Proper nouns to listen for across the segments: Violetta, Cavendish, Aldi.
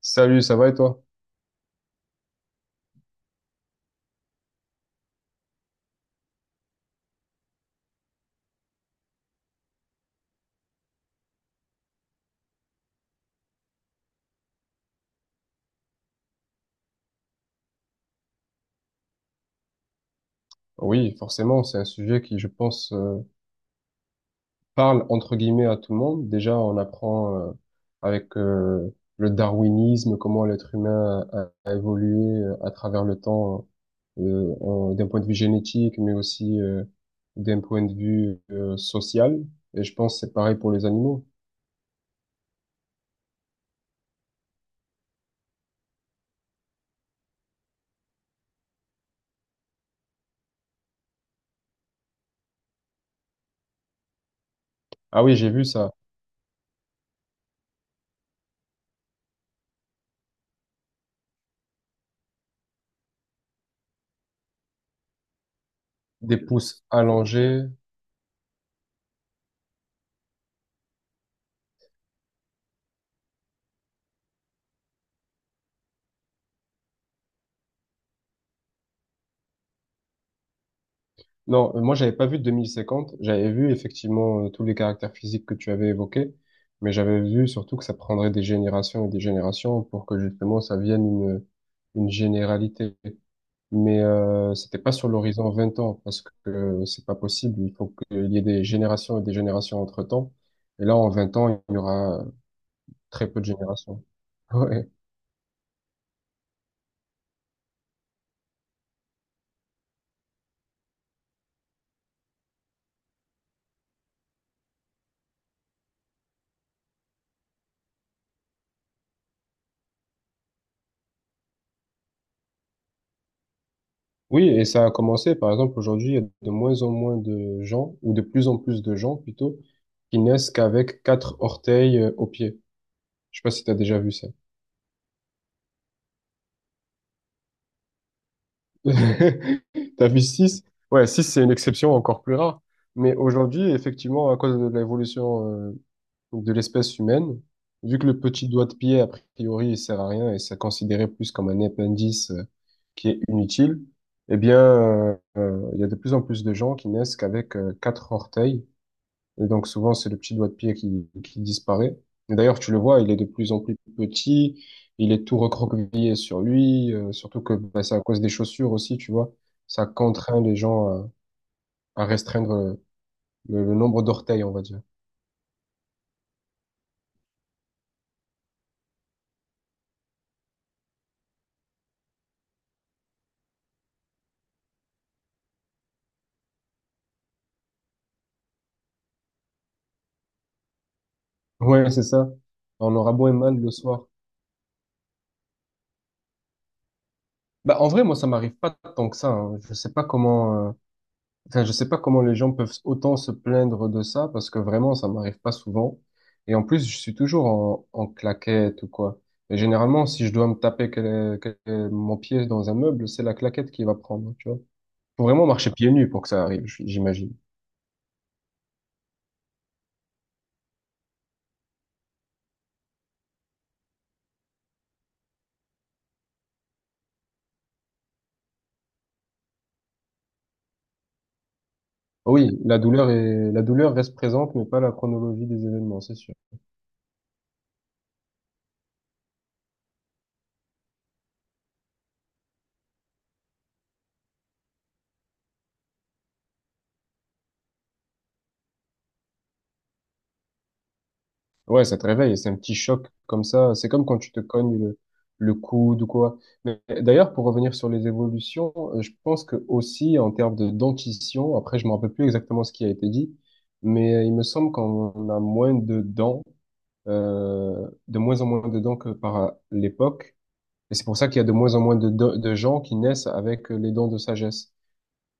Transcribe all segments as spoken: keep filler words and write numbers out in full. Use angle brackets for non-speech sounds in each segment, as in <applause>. Salut, ça va et toi? Oui, forcément, c'est un sujet qui, je pense, euh, parle entre guillemets à tout le monde. Déjà, on apprend euh, avec euh, le darwinisme comment l'être humain a, a évolué euh, à travers le temps, euh, en- d'un point de vue génétique, mais aussi euh, d'un point de vue euh, social. Et je pense que c'est pareil pour les animaux. Ah oui, j'ai vu ça. Des pouces allongés. Non, euh, moi, j'avais pas vu deux mille cinquante. J'avais vu effectivement euh, tous les caractères physiques que tu avais évoqués, mais j'avais vu surtout que ça prendrait des générations et des générations pour que justement ça vienne une, une généralité. Mais euh, c'était pas sur l'horizon vingt ans parce que euh, c'est pas possible. Il faut qu'il y ait des générations et des générations entre-temps. Et là, en vingt ans, il y aura euh, très peu de générations. <laughs> Ouais. Oui, et ça a commencé, par exemple, aujourd'hui, il y a de moins en moins de gens, ou de plus en plus de gens plutôt, qui naissent qu'avec quatre orteils euh, au pied. Je sais pas si t'as déjà vu ça. <laughs> T'as vu six? Ouais, six, c'est une exception encore plus rare. Mais aujourd'hui, effectivement, à cause de l'évolution euh, de l'espèce humaine, vu que le petit doigt de pied, a priori, il sert à rien et c'est considéré plus comme un appendice euh, qui est inutile, eh bien, euh, euh, il y a de plus en plus de gens qui naissent qu'avec euh, quatre orteils. Et donc souvent, c'est le petit doigt de pied qui, qui disparaît. Et d'ailleurs, tu le vois, il est de plus en plus petit, il est tout recroquevillé sur lui, euh, surtout que bah, c'est à cause des chaussures aussi, tu vois. Ça contraint les gens à, à restreindre le, le nombre d'orteils, on va dire. Ouais, c'est ça. On aura beau et mal le soir. Bah, en vrai, moi, ça m'arrive pas tant que ça, hein. Je sais pas comment, euh, enfin, je sais pas comment les gens peuvent autant se plaindre de ça parce que vraiment, ça m'arrive pas souvent. Et en plus, je suis toujours en, en claquette ou quoi. Et généralement, si je dois me taper quel- quel- mon pied dans un meuble, c'est la claquette qui va prendre, tu vois. Faut vraiment marcher pieds nus pour que ça arrive, j- j'imagine. Oui, la douleur est, la douleur reste présente, mais pas la chronologie des événements, c'est sûr. Ouais, ça te réveille, et c'est un petit choc comme ça. C'est comme quand tu te cognes le, le coude ou quoi. Mais d'ailleurs, pour revenir sur les évolutions, euh, je pense que aussi en termes de dentition, après, je me rappelle plus exactement ce qui a été dit, mais euh, il me semble qu'on a moins de dents, euh, de moins en moins de dents que par euh, l'époque. Et c'est pour ça qu'il y a de moins en moins de, de, de gens qui naissent avec euh, les dents de sagesse.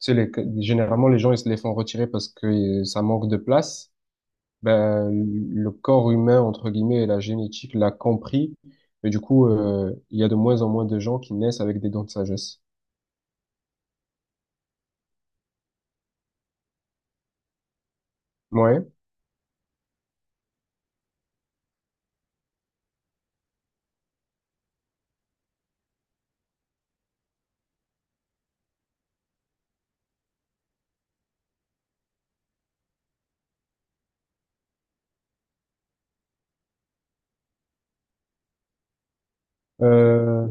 C'est les, généralement, les gens, ils se les font retirer parce que euh, ça manque de place, ben, le corps humain, entre guillemets, et la génétique l'a compris. Et du coup, euh, il y a de moins en moins de gens qui naissent avec des dents de sagesse. Ouais. Euh,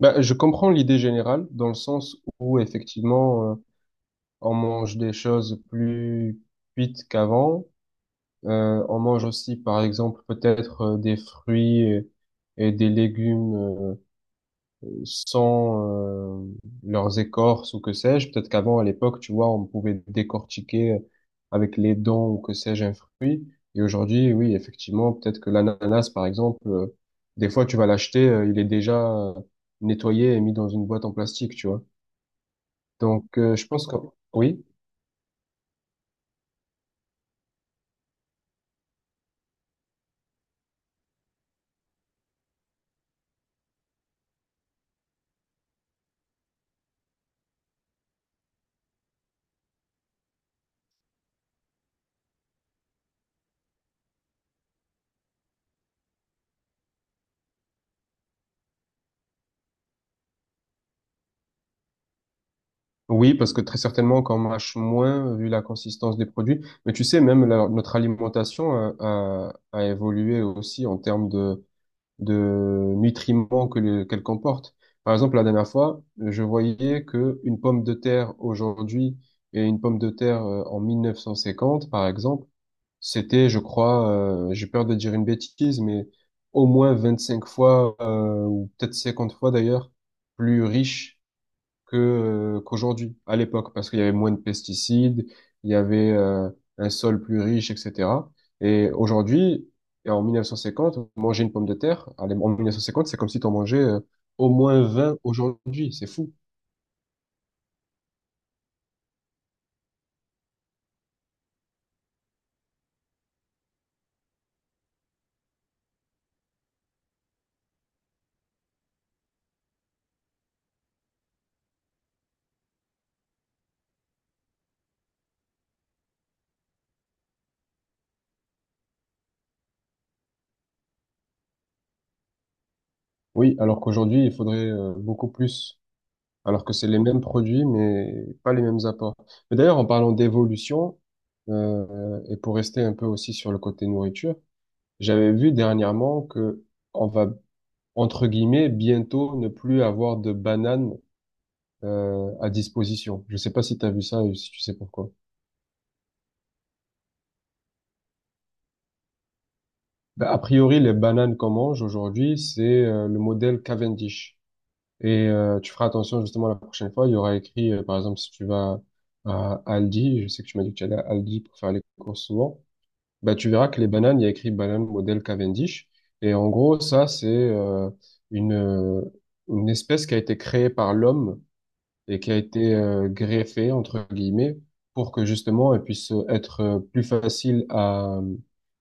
ben, je comprends l'idée générale, dans le sens où, effectivement, euh, on mange des choses plus cuites qu'avant. Euh, on mange aussi, par exemple, peut-être euh, des fruits et, et des légumes euh, sans euh, leurs écorces ou que sais-je. Peut-être qu'avant, à l'époque, tu vois, on pouvait décortiquer euh, avec les dents ou que sais-je un fruit. Et aujourd'hui, oui, effectivement, peut-être que l'ananas, par exemple, euh, des fois, tu vas l'acheter, euh, il est déjà euh, nettoyé et mis dans une boîte en plastique, tu vois. Donc, euh, je pense que oui. Oui, parce que très certainement qu'on mâche moins euh, vu la consistance des produits. Mais tu sais, même la- notre alimentation a, a, a évolué aussi en termes de de nutriments que le- qu'elle comporte. Par exemple, la dernière fois, je voyais que une pomme de terre aujourd'hui et une pomme de terre euh, en mille neuf cent cinquante, par exemple, c'était, je crois, euh, j'ai peur de dire une bêtise, mais au moins vingt-cinq fois, euh, ou peut-être cinquante fois d'ailleurs, plus riche que euh, qu'aujourd'hui, à l'époque, parce qu'il y avait moins de pesticides, il y avait euh, un sol plus riche, et cetera. Et aujourd'hui, et en mille neuf cent cinquante, manger une pomme de terre, à l'é- en mille neuf cent cinquante, c'est comme si tu en mangeais euh, au moins vingt aujourd'hui, c'est fou. Oui, alors qu'aujourd'hui, il faudrait euh, beaucoup plus, alors que c'est les mêmes produits, mais pas les mêmes apports. Mais d'ailleurs, en parlant d'évolution, euh, et pour rester un peu aussi sur le côté nourriture, j'avais vu dernièrement que on va entre guillemets, bientôt ne plus avoir de bananes euh, à disposition. Je sais pas si tu as vu ça et si tu sais pourquoi. Ben, a priori, les bananes qu'on mange aujourd'hui, c'est euh, le modèle Cavendish. Et euh, tu feras attention justement la prochaine fois, il y aura écrit, euh, par exemple, si tu vas à Aldi, je sais que tu m'as dit que tu allais à Aldi pour faire les courses souvent. Bah, tu verras que les bananes, il y a écrit banane modèle Cavendish. Et en gros, ça, c'est euh, une, euh, une espèce qui a été créée par l'homme et qui a été euh, greffé, entre guillemets, pour que justement elle puisse euh, être euh, plus facile à euh,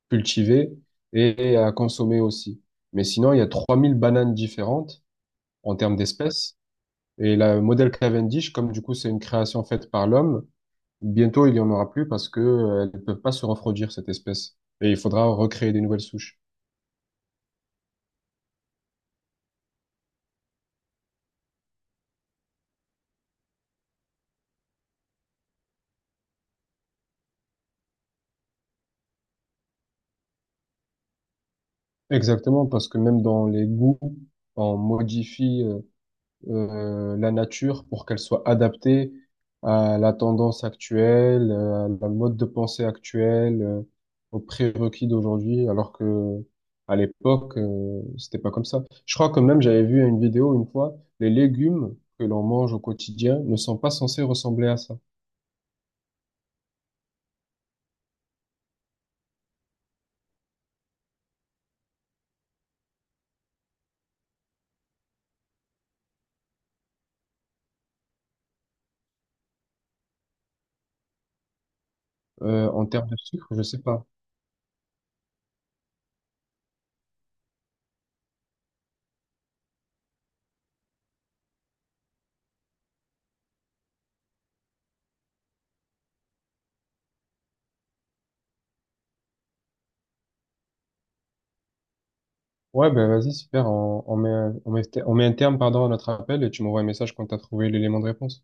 cultiver et à consommer aussi. Mais sinon, il y a trois mille bananes différentes en termes d'espèces. Et le modèle Cavendish, comme du coup c'est une création faite par l'homme, bientôt il n'y en aura plus parce que euh, elles ne peuvent pas se refroidir, cette espèce. Et il faudra recréer des nouvelles souches. Exactement, parce que même dans les goûts, on modifie euh, euh, la nature pour qu'elle soit adaptée à la tendance actuelle, euh, à la mode de pensée actuelle, euh, aux prérequis d'aujourd'hui, alors que à l'époque, euh, c'était pas comme ça. Je crois quand même, j'avais vu une vidéo une fois, les légumes que l'on mange au quotidien ne sont pas censés ressembler à ça. Euh, en termes de sucre, je sais pas. Ouais, ben vas-y, super, on, on met, un- on met, on met un terme, pardon, à notre appel et tu m'envoies un message quand t'as trouvé l'élément de réponse.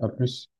À plus.